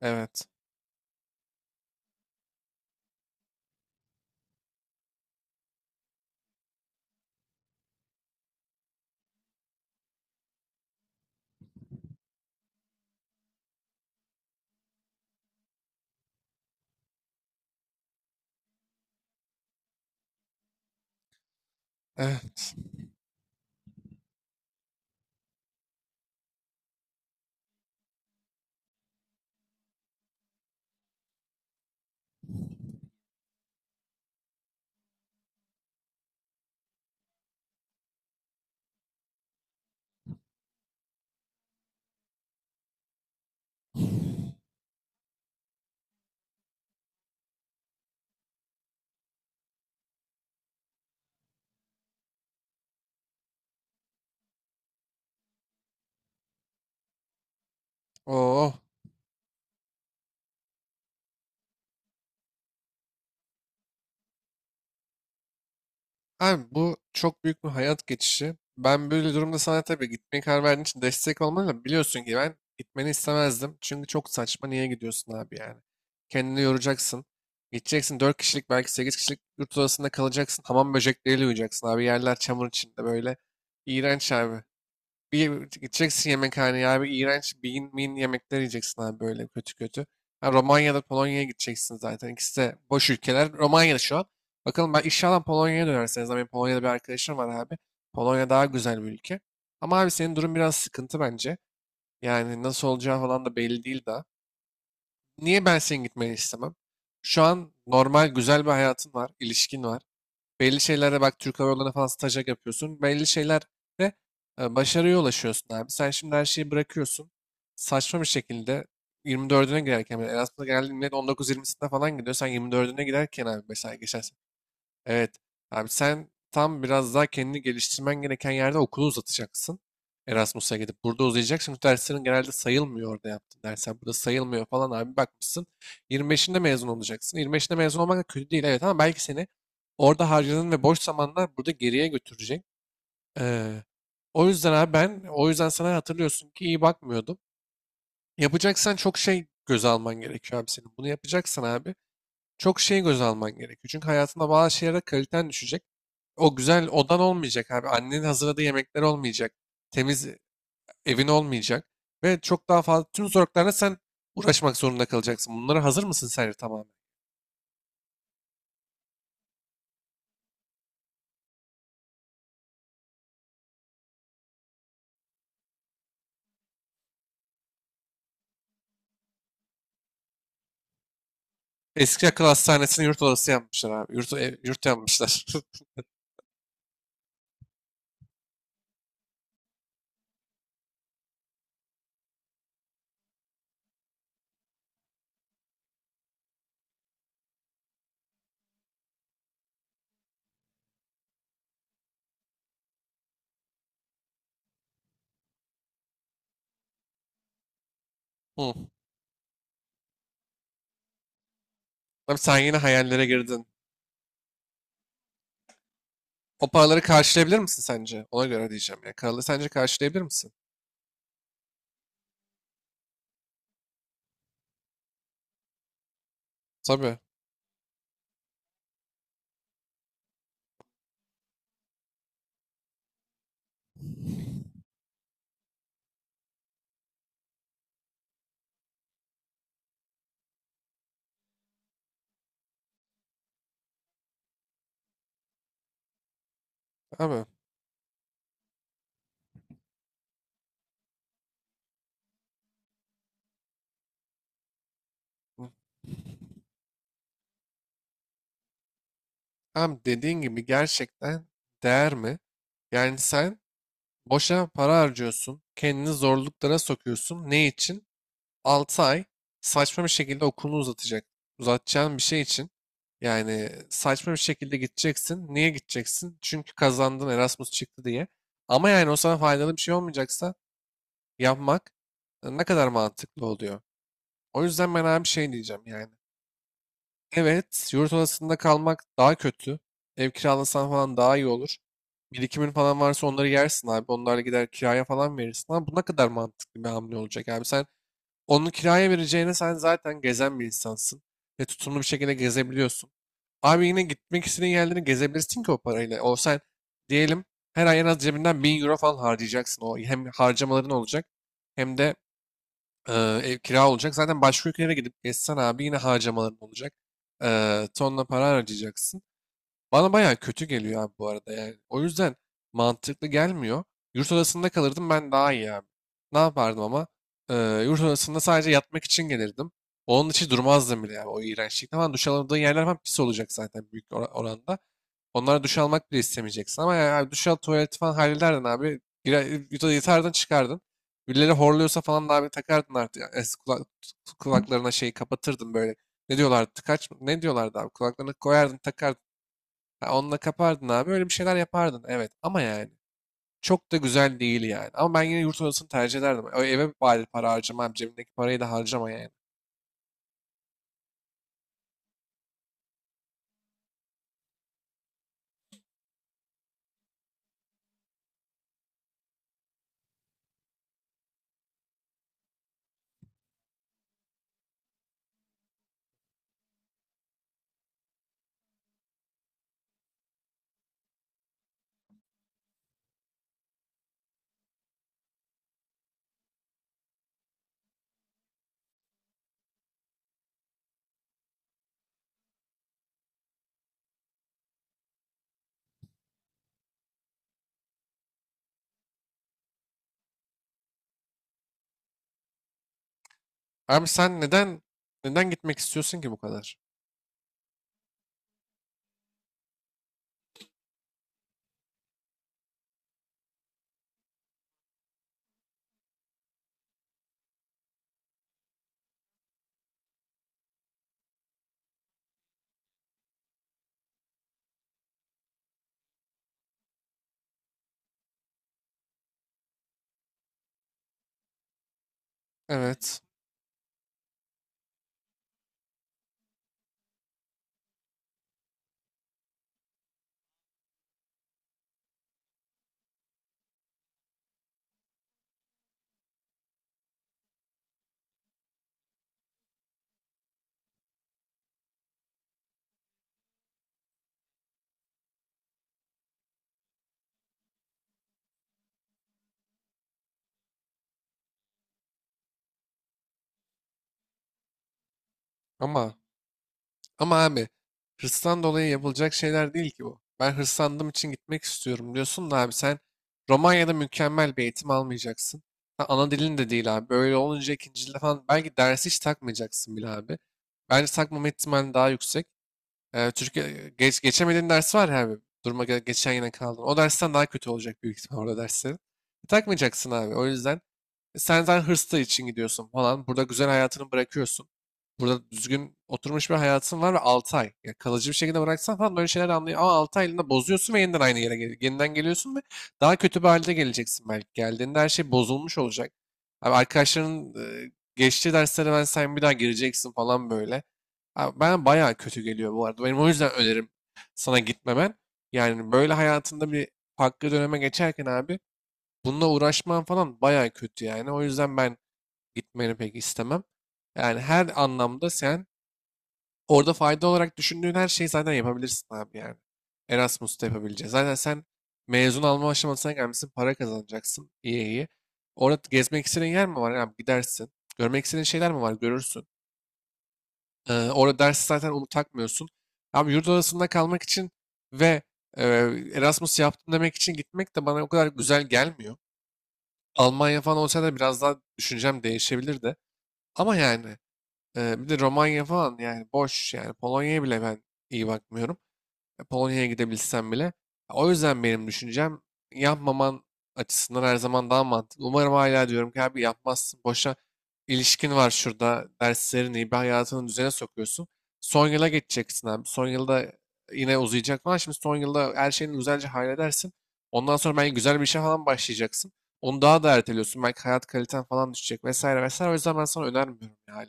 Evet. Evet. Oo. Abi bu çok büyük bir hayat geçişi. Ben böyle durumda sana tabii gitmeye karar verdiğin için destek olmalı da biliyorsun ki ben gitmeni istemezdim. Çünkü çok saçma niye gidiyorsun abi yani. Kendini yoracaksın. Gideceksin 4 kişilik belki 8 kişilik yurt odasında kalacaksın. Hamam böcekleriyle uyuyacaksın abi. Yerler çamur içinde böyle. İğrenç abi. Bir gideceksin yemekhaneye abi. İğrenç bean mean yemekler yiyeceksin abi böyle kötü kötü. Ha, Romanya'da Polonya'ya gideceksin zaten. İkisi de boş ülkeler. Romanya'da şu an. Bakalım ben inşallah Polonya'ya dönerseniz. Benim Polonya'da bir arkadaşım var abi. Polonya daha güzel bir ülke. Ama abi senin durum biraz sıkıntı bence. Yani nasıl olacağı falan da belli değil daha. Niye ben senin gitmeni istemem? Şu an normal güzel bir hayatın var. İlişkin var. Belli şeylerde bak Türk Hava Yolları'na falan stajyer yapıyorsun. Belli şeylerde başarıya ulaşıyorsun abi. Sen şimdi her şeyi bırakıyorsun. Saçma bir şekilde 24'üne girerken bile Erasmus'a geldiğinde millet 19-20'sinde falan gidiyor. Sen 24'üne giderken abi mesela geçen. Evet. Abi sen tam biraz daha kendini geliştirmen gereken yerde okulu uzatacaksın. Erasmus'a gidip burada uzayacak. Şimdi derslerin genelde sayılmıyor orada yaptığın dersler. Burada sayılmıyor falan abi bakmışsın. 25'inde mezun olacaksın. 25'inde mezun olmak da kötü değil evet ama belki seni orada harcadığın ve boş zamanlar burada geriye götürecek. Ee, O yüzden abi ben o yüzden sana hatırlıyorsun ki iyi bakmıyordum. Yapacaksan çok şey göze alman gerekiyor abi senin. Bunu yapacaksan abi çok şey göze alman gerekiyor. Çünkü hayatında bazı şeylere kaliten düşecek. O güzel odan olmayacak abi. Annenin hazırladığı yemekler olmayacak. Temiz evin olmayacak. Ve çok daha fazla tüm zorluklarla sen uğraşmak zorunda kalacaksın. Bunlara hazır mısın sence tamamen? Eski akıl hastanesini yurt odası yapmışlar abi. Yurt yapmışlar. Hı. Abi sen yine hayallere girdin. O paraları karşılayabilir misin sence? Ona göre diyeceğim ya. Kralı sence karşılayabilir misin? Tabii. Abi. Hı. Abi dediğin gibi gerçekten değer mi? Yani sen boşa para harcıyorsun, kendini zorluklara sokuyorsun. Ne için? 6 ay saçma bir şekilde okulunu uzatacak. Uzatacağın bir şey için. Yani saçma bir şekilde gideceksin. Niye gideceksin? Çünkü kazandın Erasmus çıktı diye. Ama yani o sana faydalı bir şey olmayacaksa yapmak ne kadar mantıklı oluyor. O yüzden ben abi şey diyeceğim yani. Evet, yurt odasında kalmak daha kötü. Ev kiralasan falan daha iyi olur. Birikimin falan varsa onları yersin abi. Onlarla gider kiraya falan verirsin. Ama bu ne kadar mantıklı bir hamle olacak abi. Sen onu kiraya vereceğine sen zaten gezen bir insansın. Ve tutumlu bir şekilde gezebiliyorsun. Abi yine gitmek istediğin yerleri gezebilirsin ki o parayla. O sen diyelim her ay en az cebinden 1.000 euro falan harcayacaksın. O hem harcamaların olacak hem de Eee, ev kira olacak. Zaten başka ülkelere gidip gezsen abi yine harcamaların olacak. Tonla para harcayacaksın. Bana bayağı kötü geliyor abi bu arada yani. O yüzden mantıklı gelmiyor. Yurt odasında kalırdım ben daha iyi abi. Ne yapardım ama? Eee Yurt odasında sadece yatmak için gelirdim. Onun için durmazdım bile yani o iğrençlikte falan. Duş alamadığın yerler falan pis olacak zaten büyük oranda. Onlara duş almak bile istemeyeceksin. Ama yani abi duş al tuvaleti falan hallederdin abi. Girer, yatardın çıkardın. Birileri horluyorsa falan da abi takardın artık. Yani kulaklarına şeyi kapatırdın böyle. Ne diyorlardı? Tıkaç mı? Ne diyorlardı abi? Kulaklarına koyardın takardın. Ha, onunla kapardın abi. Öyle bir şeyler yapardın. Evet ama yani. Çok da güzel değil yani. Ama ben yine yurt odasını tercih ederdim. O eve bari para harcamam. Cebimdeki parayı da harcama yani. Abi sen neden gitmek istiyorsun ki bu kadar? Evet. Ama Ama abi hırstan dolayı yapılacak şeyler değil ki bu. Ben hırslandığım için gitmek istiyorum diyorsun da abi sen Romanya'da mükemmel bir eğitim almayacaksın. Ha, ana dilin de değil abi. Böyle olunca ikinci dilde falan belki dersi hiç takmayacaksın bile abi. Bence takmama ihtimali daha yüksek. Türkiye geçemediğin ders var ya abi. Duruma göre geçen yine kaldın. O dersten daha kötü olacak büyük ihtimal orada derslerin. Takmayacaksın abi. O yüzden sen zaten hırsla için gidiyorsun falan. Burada güzel hayatını bırakıyorsun. Burada düzgün oturmuş bir hayatın var ve 6 ay. Ya kalıcı bir şekilde bıraksan falan böyle şeyler anlıyor. Ama 6 aylığında bozuyorsun ve yeniden aynı yere yeniden geliyorsun ve daha kötü bir halde geleceksin belki. Geldiğinde her şey bozulmuş olacak. Abi arkadaşların geçtiği derslere ben sen bir daha gireceksin falan böyle. Abi ben bayağı kötü geliyor bu arada. Benim o yüzden önerim sana gitmemen. Yani böyle hayatında bir farklı döneme geçerken abi bununla uğraşman falan baya kötü yani. O yüzden ben gitmeni pek istemem. Yani her anlamda sen orada fayda olarak düşündüğün her şeyi zaten yapabilirsin abi yani. Erasmus'ta yapabileceğiz. Zaten sen mezun alma aşamasına gelmişsin, para kazanacaksın. İyi iyi. Orada gezmek istediğin yer mi var? Abi gidersin. Görmek istediğin şeyler mi var? Görürsün. Orada ders zaten onu takmıyorsun. Abi yurt odasında kalmak için ve e, Erasmus yaptım demek için gitmek de bana o kadar güzel gelmiyor. Almanya falan olsa da biraz daha düşüncem değişebilirdi. Ama yani bir de Romanya falan yani boş yani Polonya'ya bile ben iyi bakmıyorum Polonya'ya gidebilsem bile. O yüzden benim düşüncem yapmaman açısından her zaman daha mantıklı. Umarım hala diyorum ki abi yapmazsın. Boşa ilişkin var şurada. Derslerin iyi bir hayatını düzene sokuyorsun. Son yıla geçeceksin abi. Son yılda yine uzayacak falan. Şimdi son yılda her şeyini güzelce halledersin. Ondan sonra belki güzel bir işe falan başlayacaksın. Onu daha da erteliyorsun. Belki hayat kaliten falan düşecek vesaire vesaire. O yüzden ben sana önermiyorum yani.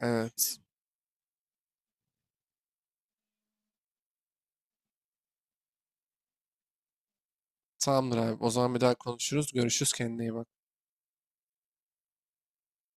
Evet. Tamamdır abi. O zaman bir daha konuşuruz. Görüşürüz. Kendine iyi bak.